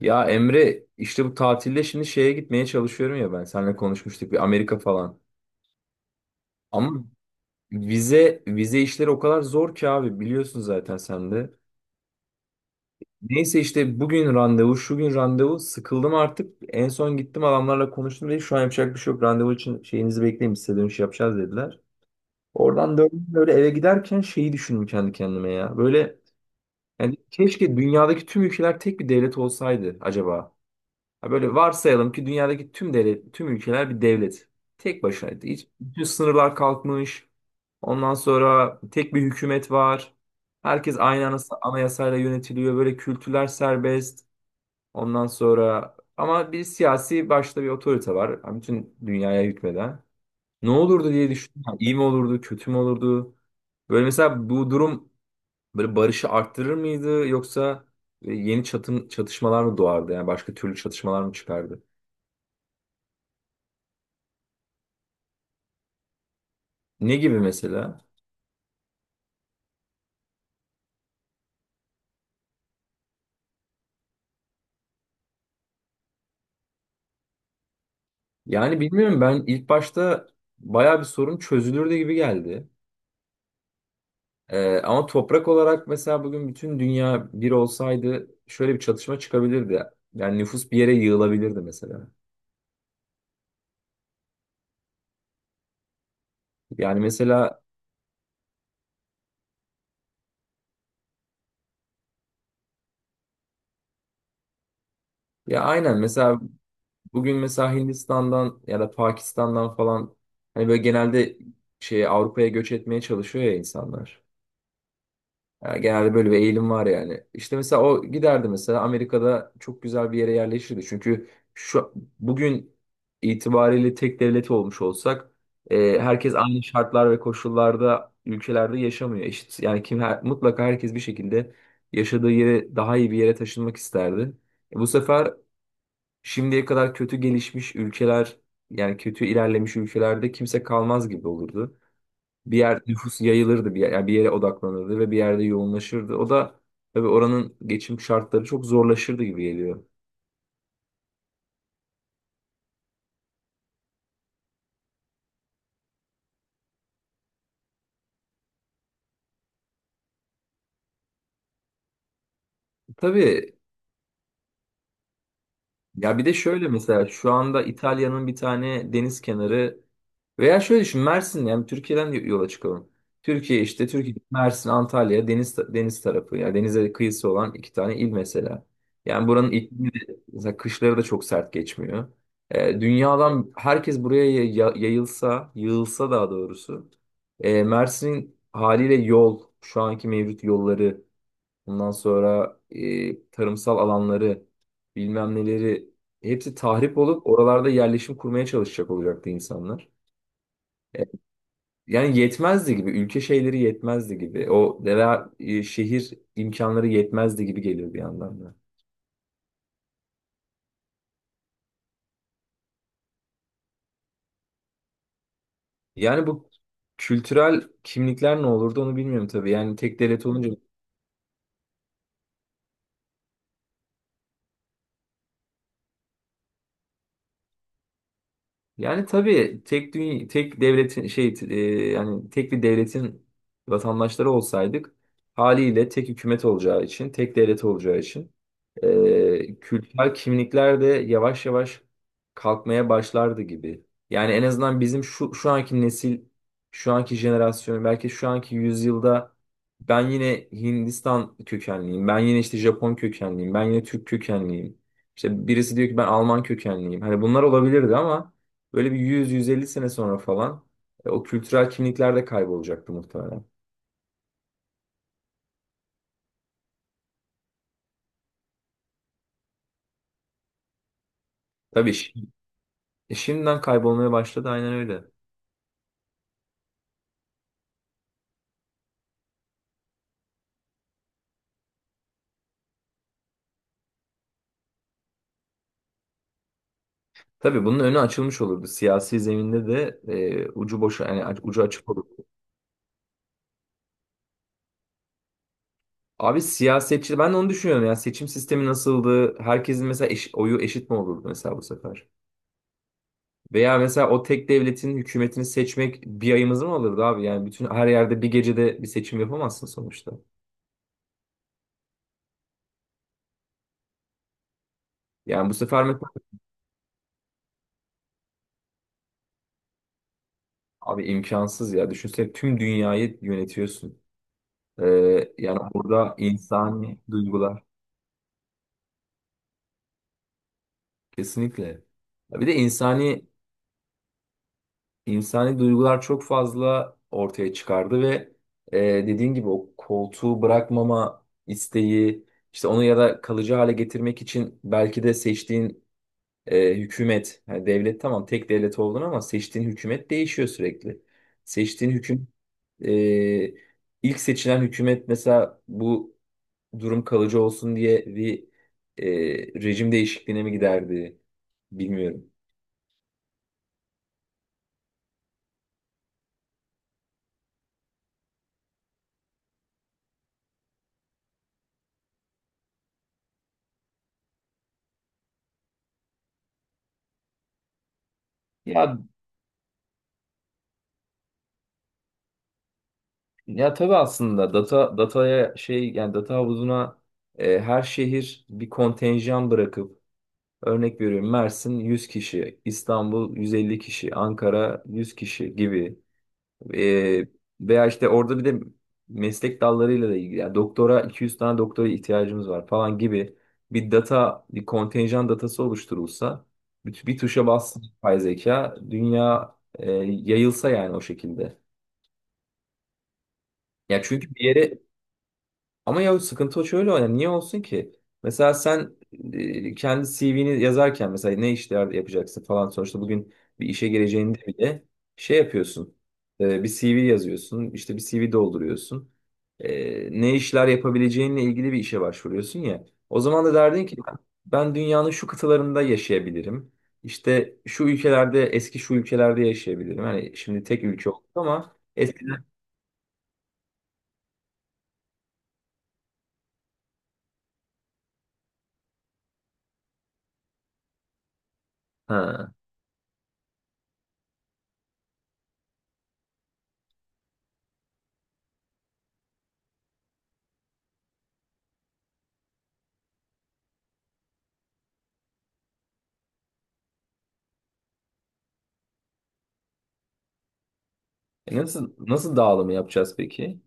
Ya Emre işte bu tatilde şimdi şeye gitmeye çalışıyorum ya ben. Seninle konuşmuştuk bir Amerika falan. Ama vize işleri o kadar zor ki abi, biliyorsun zaten sen de. Neyse işte bugün randevu, şu gün randevu. Sıkıldım artık. En son gittim, adamlarla konuştum, dedi şu an yapacak bir şey yok. Randevu için şeyinizi bekleyin, biz size dönüş yapacağız, dediler. Oradan döndüm, böyle eve giderken şeyi düşündüm kendi kendime ya. Böyle yani keşke dünyadaki tüm ülkeler tek bir devlet olsaydı acaba. Ha, böyle varsayalım ki dünyadaki tüm devlet, tüm ülkeler bir devlet. Tek başına. Hiç, bütün sınırlar kalkmış. Ondan sonra tek bir hükümet var. Herkes aynı anayasayla yönetiliyor. Böyle kültürler serbest. Ondan sonra ama bir siyasi başta bir otorite var. Yani bütün dünyaya hükmeden. Ne olurdu diye düşündüm. Yani İyi mi olurdu, kötü mü olurdu? Böyle mesela bu durum böyle barışı arttırır mıydı, yoksa yeni çatışmalar mı doğardı? Yani başka türlü çatışmalar mı çıkardı? Ne gibi mesela? Yani bilmiyorum, ben ilk başta baya bir sorun çözülürdü gibi geldi. Ama toprak olarak mesela bugün bütün dünya bir olsaydı şöyle bir çatışma çıkabilirdi. Yani nüfus bir yere yığılabilirdi mesela. Yani mesela, ya aynen, mesela bugün mesela Hindistan'dan ya da Pakistan'dan falan hani böyle genelde şey Avrupa'ya göç etmeye çalışıyor ya insanlar. Yani genelde böyle bir eğilim var yani. İşte mesela o giderdi, mesela Amerika'da çok güzel bir yere yerleşirdi. Çünkü şu bugün itibariyle tek devlet olmuş olsak, herkes, evet, aynı şartlar ve koşullarda ülkelerde yaşamıyor. Eşit yani, kim mutlaka herkes bir şekilde yaşadığı yere, daha iyi bir yere taşınmak isterdi. Bu sefer şimdiye kadar kötü gelişmiş ülkeler, yani kötü ilerlemiş ülkelerde kimse kalmaz gibi olurdu. Bir yer nüfus yayılırdı, bir yer, yani bir yere odaklanırdı ve bir yerde yoğunlaşırdı. O da tabii oranın geçim şartları çok zorlaşırdı gibi geliyor. Tabii. Ya bir de şöyle mesela, şu anda İtalya'nın bir tane deniz kenarı, veya şöyle düşün Mersin, yani Türkiye'den yola çıkalım. Türkiye işte, Türkiye, Mersin, Antalya deniz deniz tarafı, yani denize kıyısı olan iki tane il mesela. Yani buranın iklimi de mesela kışları da çok sert geçmiyor. Dünyadan herkes buraya yayılsa, yığılsa daha doğrusu. Mersin'in haliyle yol, şu anki mevcut yolları, ondan sonra tarımsal alanları, bilmem neleri, hepsi tahrip olup oralarda yerleşim kurmaya çalışacak olacaktı insanlar. E, Yani yetmezdi gibi, ülke şeyleri yetmezdi gibi, o veya şehir imkanları yetmezdi gibi geliyor bir yandan da. Yani bu kültürel kimlikler ne olurdu, onu bilmiyorum tabii. Yani tek devlet olunca, yani tabii tek dünya, tek devletin şey, yani tek bir devletin vatandaşları olsaydık, haliyle tek hükümet olacağı için, tek devlet olacağı için kültürel kimlikler de yavaş yavaş kalkmaya başlardı gibi. Yani en azından bizim şu anki nesil, şu anki jenerasyon, belki şu anki yüzyılda ben yine Hindistan kökenliyim, ben yine işte Japon kökenliyim, ben yine Türk kökenliyim. İşte birisi diyor ki ben Alman kökenliyim. Hani bunlar olabilirdi, ama böyle bir 100-150 sene sonra falan o kültürel kimlikler de kaybolacaktı muhtemelen. Tabii şimdiden kaybolmaya başladı, aynen öyle. Tabii bunun önü açılmış olurdu. Siyasi zeminde de ucu boş, yani ucu açık olurdu. Abi siyasetçi, ben de onu düşünüyorum ya, seçim sistemi nasıldı? Herkesin mesela oyu eşit mi olurdu mesela bu sefer? Veya mesela o tek devletin hükümetini seçmek bir ayımızı mı alırdı abi? Yani bütün her yerde bir gecede bir seçim yapamazsın sonuçta. Yani bu sefer mesela, abi imkansız ya. Düşünsene tüm dünyayı yönetiyorsun. Ee, Yani burada insani duygular, kesinlikle. Ya Bir de insani İnsani duygular çok fazla ortaya çıkardı ve e, dediğin gibi o koltuğu bırakmama isteği, işte onu ya da kalıcı hale getirmek için belki de seçtiğin hükümet, yani devlet, tamam tek devlet oldun ama seçtiğin hükümet değişiyor sürekli. Seçtiğin hüküm e, ilk seçilen hükümet mesela bu durum kalıcı olsun diye bir e, rejim değişikliğine mi giderdi, bilmiyorum. Ya Ya tabii, aslında dataya şey, yani data havuzuna her şehir bir kontenjan bırakıp, örnek veriyorum Mersin 100 kişi, İstanbul 150 kişi, Ankara 100 kişi gibi. E, Veya işte orada bir de meslek dallarıyla da ilgili, yani doktora 200 tane doktora ihtiyacımız var falan gibi bir data, bir kontenjan datası oluşturulsa, bir tuşa bas, yapay zeka dünya yayılsa yani, o şekilde. Ya çünkü bir yere, ama ya sıkıntı o şöyle o, yani niye olsun ki? Mesela sen kendi CV'ni yazarken mesela ne işler yapacaksın falan, sonuçta bugün bir işe gireceğinde bile şey yapıyorsun. Bir CV yazıyorsun, işte bir CV dolduruyorsun. Ne işler yapabileceğinle ilgili bir işe başvuruyorsun ya. O zaman da derdin ki ben dünyanın şu kıtalarında yaşayabilirim. İşte şu ülkelerde, eski şu ülkelerde yaşayabilirim. Hani şimdi tek ülke oldu ama eskiden. Ha, E, nasıl nasıl dağılımı yapacağız peki?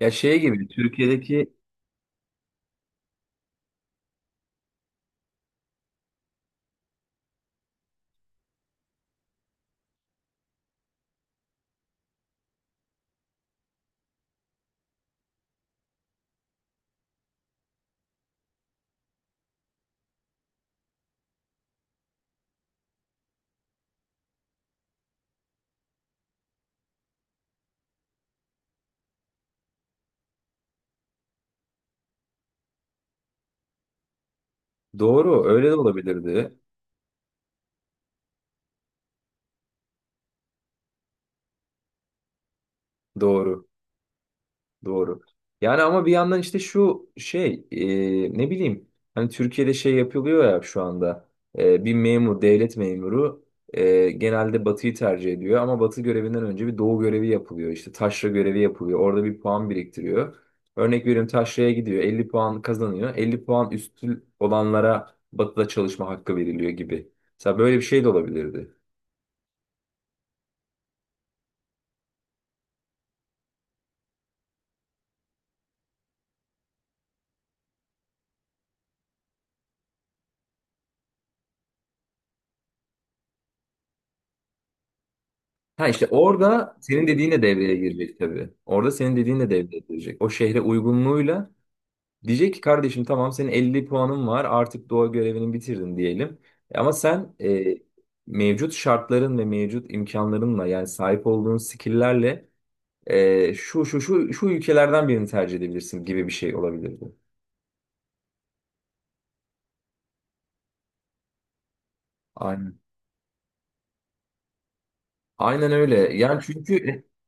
Ya şey gibi Türkiye'deki, doğru, öyle de olabilirdi. Doğru. Doğru. Yani ama bir yandan işte şu şey, ne bileyim, hani Türkiye'de şey yapılıyor ya şu anda. Bir memur, devlet memuru genelde batıyı tercih ediyor, ama batı görevinden önce bir doğu görevi yapılıyor, işte taşra görevi yapılıyor, orada bir puan biriktiriyor. Örnek veriyorum taşraya gidiyor 50 puan kazanıyor, 50 puan üstü olanlara batıda çalışma hakkı veriliyor gibi. Mesela böyle bir şey de olabilirdi. Ha, işte orada senin dediğin de devreye girecek tabii. Orada senin dediğin de devreye girecek. O şehre uygunluğuyla diyecek ki kardeşim tamam, senin 50 puanın var, artık doğa görevini bitirdin diyelim. Ama sen mevcut şartların ve mevcut imkanlarınla, yani sahip olduğun skill'lerle şu şu şu şu ülkelerden birini tercih edebilirsin gibi bir şey olabilir bu. Aynen. Aynen öyle. Yani çünkü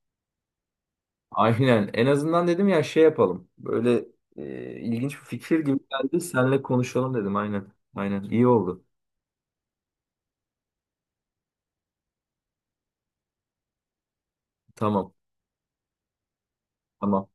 aynen. En azından dedim ya şey yapalım. Böyle ilginç bir fikir gibi geldi. Seninle konuşalım dedim. Aynen. Aynen. İyi oldu. Tamam. Tamam.